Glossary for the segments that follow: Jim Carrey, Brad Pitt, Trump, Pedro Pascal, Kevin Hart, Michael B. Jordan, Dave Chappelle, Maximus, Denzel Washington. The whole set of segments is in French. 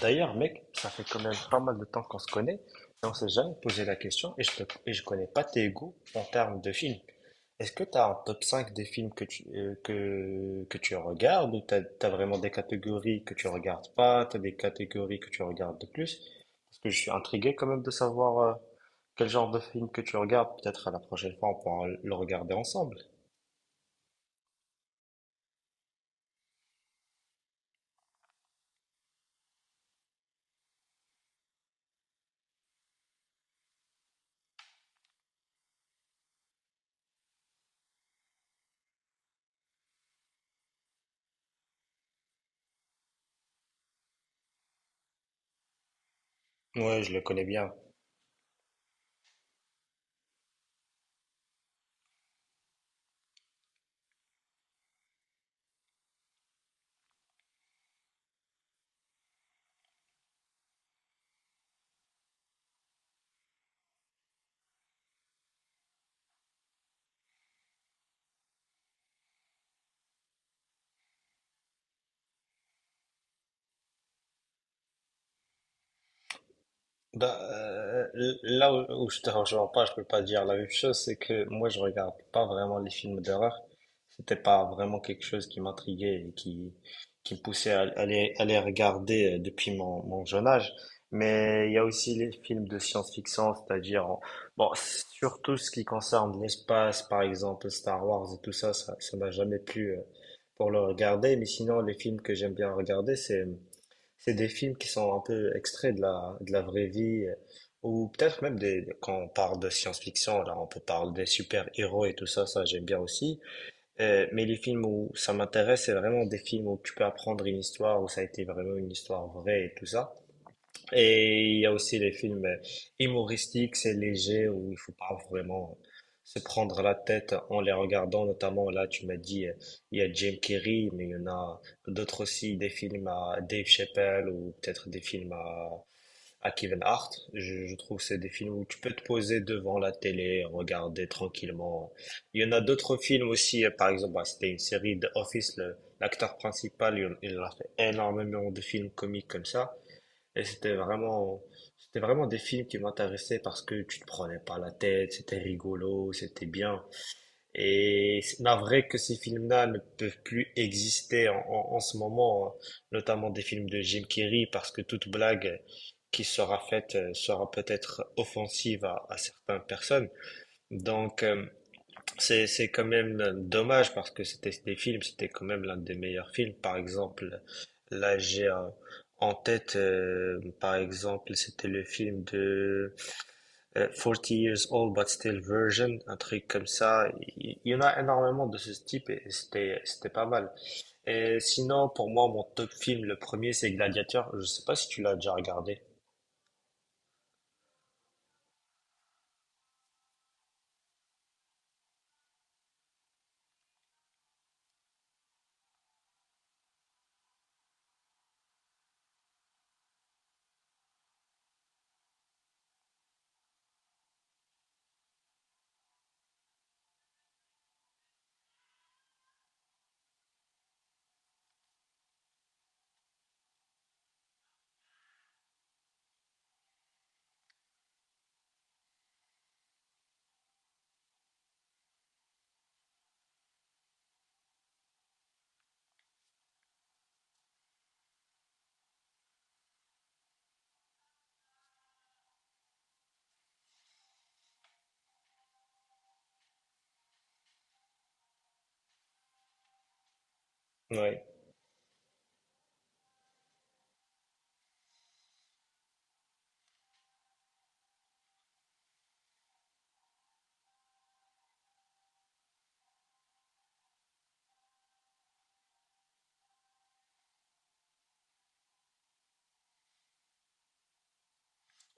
D'ailleurs mec, ça fait quand même pas mal de temps qu'on se connaît et on s'est jamais posé la question et je connais pas tes goûts en termes de films. Est-ce que tu as un top 5 des films que tu, que tu regardes ou tu as, vraiment des catégories que tu regardes pas, tu as des catégories que tu regardes de plus? Parce que je suis intrigué quand même de savoir quel genre de film que tu regardes. Peut-être à la prochaine fois on pourra le regarder ensemble. Ouais, je le connais bien. Bah, euh, où je te rejoins pas, je peux pas dire la même chose, c'est que moi je regarde pas vraiment les films d'horreur. C'était pas vraiment quelque chose qui m'intriguait et qui me poussait à, à les regarder depuis mon jeune âge. Mais il y a aussi les films de science-fiction, bon surtout ce qui concerne l'espace, par exemple Star Wars et tout ça, ça m'a jamais plu pour le regarder. Mais sinon les films que j'aime bien regarder, c'est des films qui sont un peu extraits de de la vraie vie, ou peut-être même quand on parle de science-fiction, là, on peut parler des super-héros et tout ça, ça j'aime bien aussi. Mais les films où ça m'intéresse, c'est vraiment des films où tu peux apprendre une histoire, où ça a été vraiment une histoire vraie et tout ça. Et il y a aussi les films humoristiques, c'est léger, où il faut pas vraiment se prendre la tête en les regardant. Notamment, là, tu m'as dit, il y a Jim Carrey, mais il y en a d'autres aussi, des films à Dave Chappelle ou peut-être des films à Kevin Hart. Je trouve que c'est des films où tu peux te poser devant la télé, regarder tranquillement. Il y en a d'autres films aussi, par exemple, bah, c'était une série de Office, l'acteur principal, il a fait énormément de films comiques comme ça. Et c'était vraiment, c'était vraiment des films qui m'intéressaient parce que tu te prenais pas la tête, c'était rigolo, c'était bien. Et c'est navré que ces films-là ne peuvent plus exister en ce moment, hein. Notamment des films de Jim Carrey, parce que toute blague qui sera faite sera peut-être offensive à certaines personnes. Donc, euh, c'est quand même dommage parce que c'était des films, c'était quand même l'un des meilleurs films. Par exemple, là j'ai un- en tête, par exemple, c'était le film de 40 Years Old But Still Virgin, un truc comme ça. Il y en a énormément de ce type et c'était pas mal. Et sinon, pour moi, mon top film, le premier, c'est Gladiator. Je sais pas si tu l'as déjà regardé. Ouais.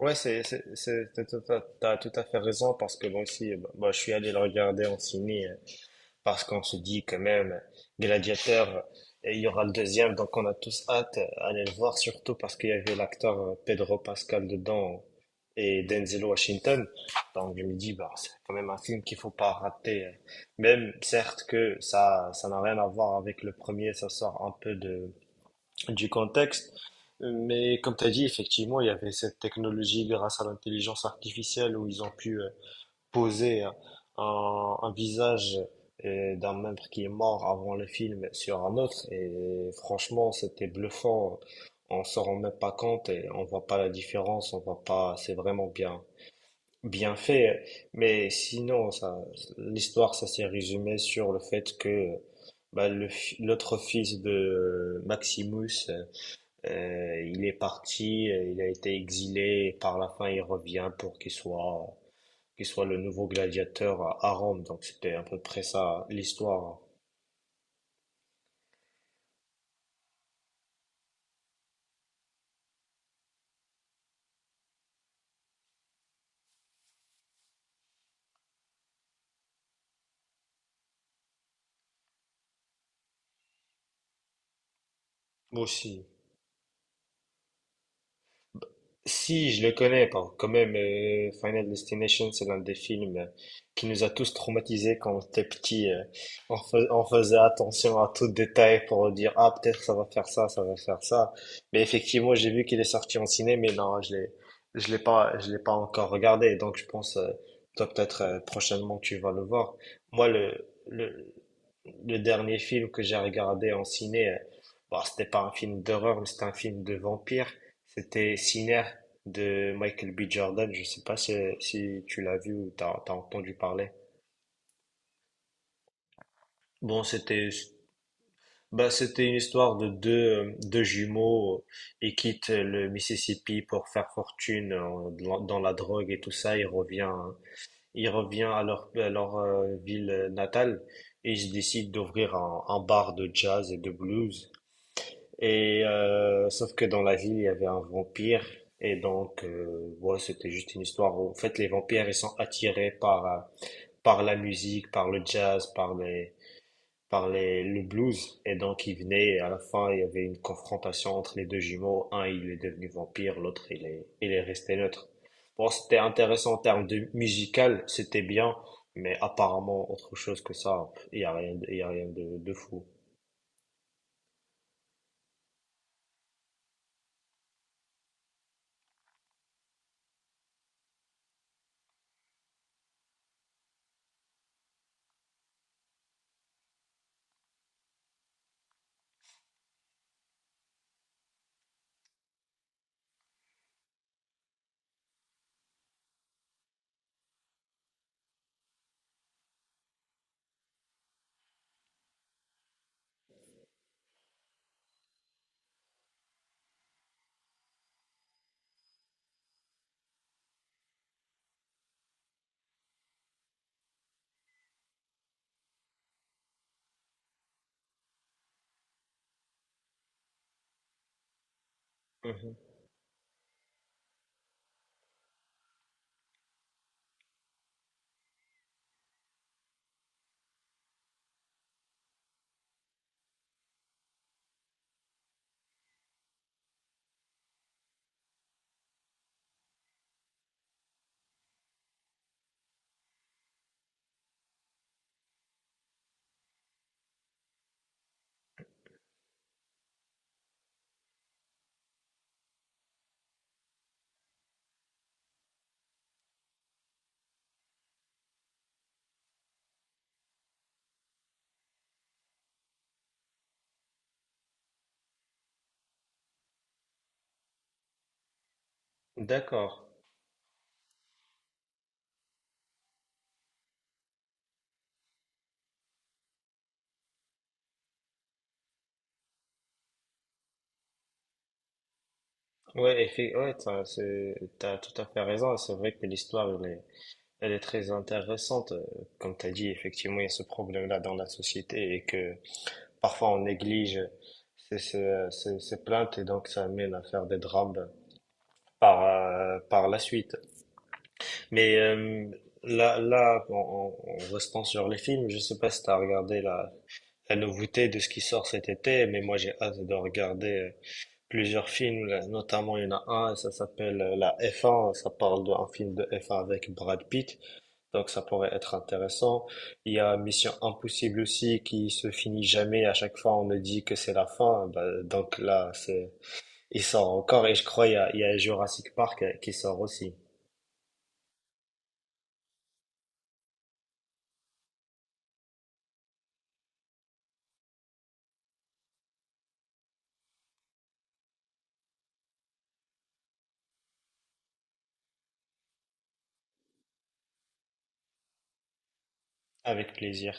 T'as tout à fait raison parce que moi aussi, je suis allé le regarder en ciné. Parce qu'on se dit quand même Gladiateur et il y aura le deuxième donc on a tous hâte d'aller le voir surtout parce qu'il y avait l'acteur Pedro Pascal dedans et Denzel Washington, donc je me dis bah c'est quand même un film qu'il faut pas rater, même certes que ça n'a rien à voir avec le premier, ça sort un peu de du contexte, mais comme tu as dit effectivement il y avait cette technologie grâce à l'intelligence artificielle où ils ont pu poser un visage d'un membre qui est mort avant le film sur un autre. Et franchement, c'était bluffant. On s'en rend même pas compte et on voit pas la différence. On voit pas. C'est vraiment bien, bien fait. Mais sinon, ça, l'histoire, ça s'est résumé sur le fait que bah, l'autre fils de Maximus, il est parti, il a été exilé. Et par la fin, il revient pour qu'il soit qui soit le nouveau gladiateur à Rome, donc c'était à peu près ça l'histoire aussi. Si, je le connais, bon, quand même, Final Destination, c'est l'un des films qui nous a tous traumatisés quand on était petit. On faisait attention à tout détail pour dire, ah, peut-être ça va faire ça, ça va faire ça. Mais effectivement, j'ai vu qu'il est sorti en ciné, mais non, je l'ai pas encore regardé. Donc, je pense, toi, peut-être, prochainement, tu vas le voir. Moi, le dernier film que j'ai regardé en ciné, bon, c'était pas un film d'horreur, mais c'était un film de vampire. C'était Sinner de Michael B. Jordan. Je sais pas si, si tu l'as vu ou t'as entendu parler. Bon, c'était, bah, c'était une histoire de deux jumeaux et quittent le Mississippi pour faire fortune dans la drogue et tout ça. Il revient à à leur ville natale et ils décident d'ouvrir un bar de jazz et de blues. Et sauf que dans la ville, il y avait un vampire. Et donc, ouais, c'était juste une histoire où, en fait, les vampires, ils sont attirés par la musique, par le jazz, le blues. Et donc, ils venaient, et à la fin, il y avait une confrontation entre les deux jumeaux. Un, il est devenu vampire, l'autre, il est resté neutre. Bon, c'était intéressant en termes de musical, c'était bien, mais apparemment, autre chose que ça, il y a rien, il y a rien de, de fou. Mhm. D'accord. Ouais, t'as tout à fait raison. C'est vrai que l'histoire, elle est très intéressante. Comme tu as dit, effectivement, il y a ce problème-là dans la société et que parfois on néglige ces plaintes et donc ça amène à faire des drames par, par la suite. Mais euh, en restant sur les films, je sais pas si tu as regardé la nouveauté de ce qui sort cet été, mais moi j'ai hâte de regarder plusieurs films, là, notamment il y en a un, ça s'appelle La F1, ça parle d'un film de F1 avec Brad Pitt. Donc ça pourrait être intéressant. Il y a Mission Impossible aussi qui se finit jamais. À chaque fois, on me dit que c'est la fin. Bah, donc là, c'est il sort encore et je crois il y a Jurassic Park qui sort aussi. Avec plaisir.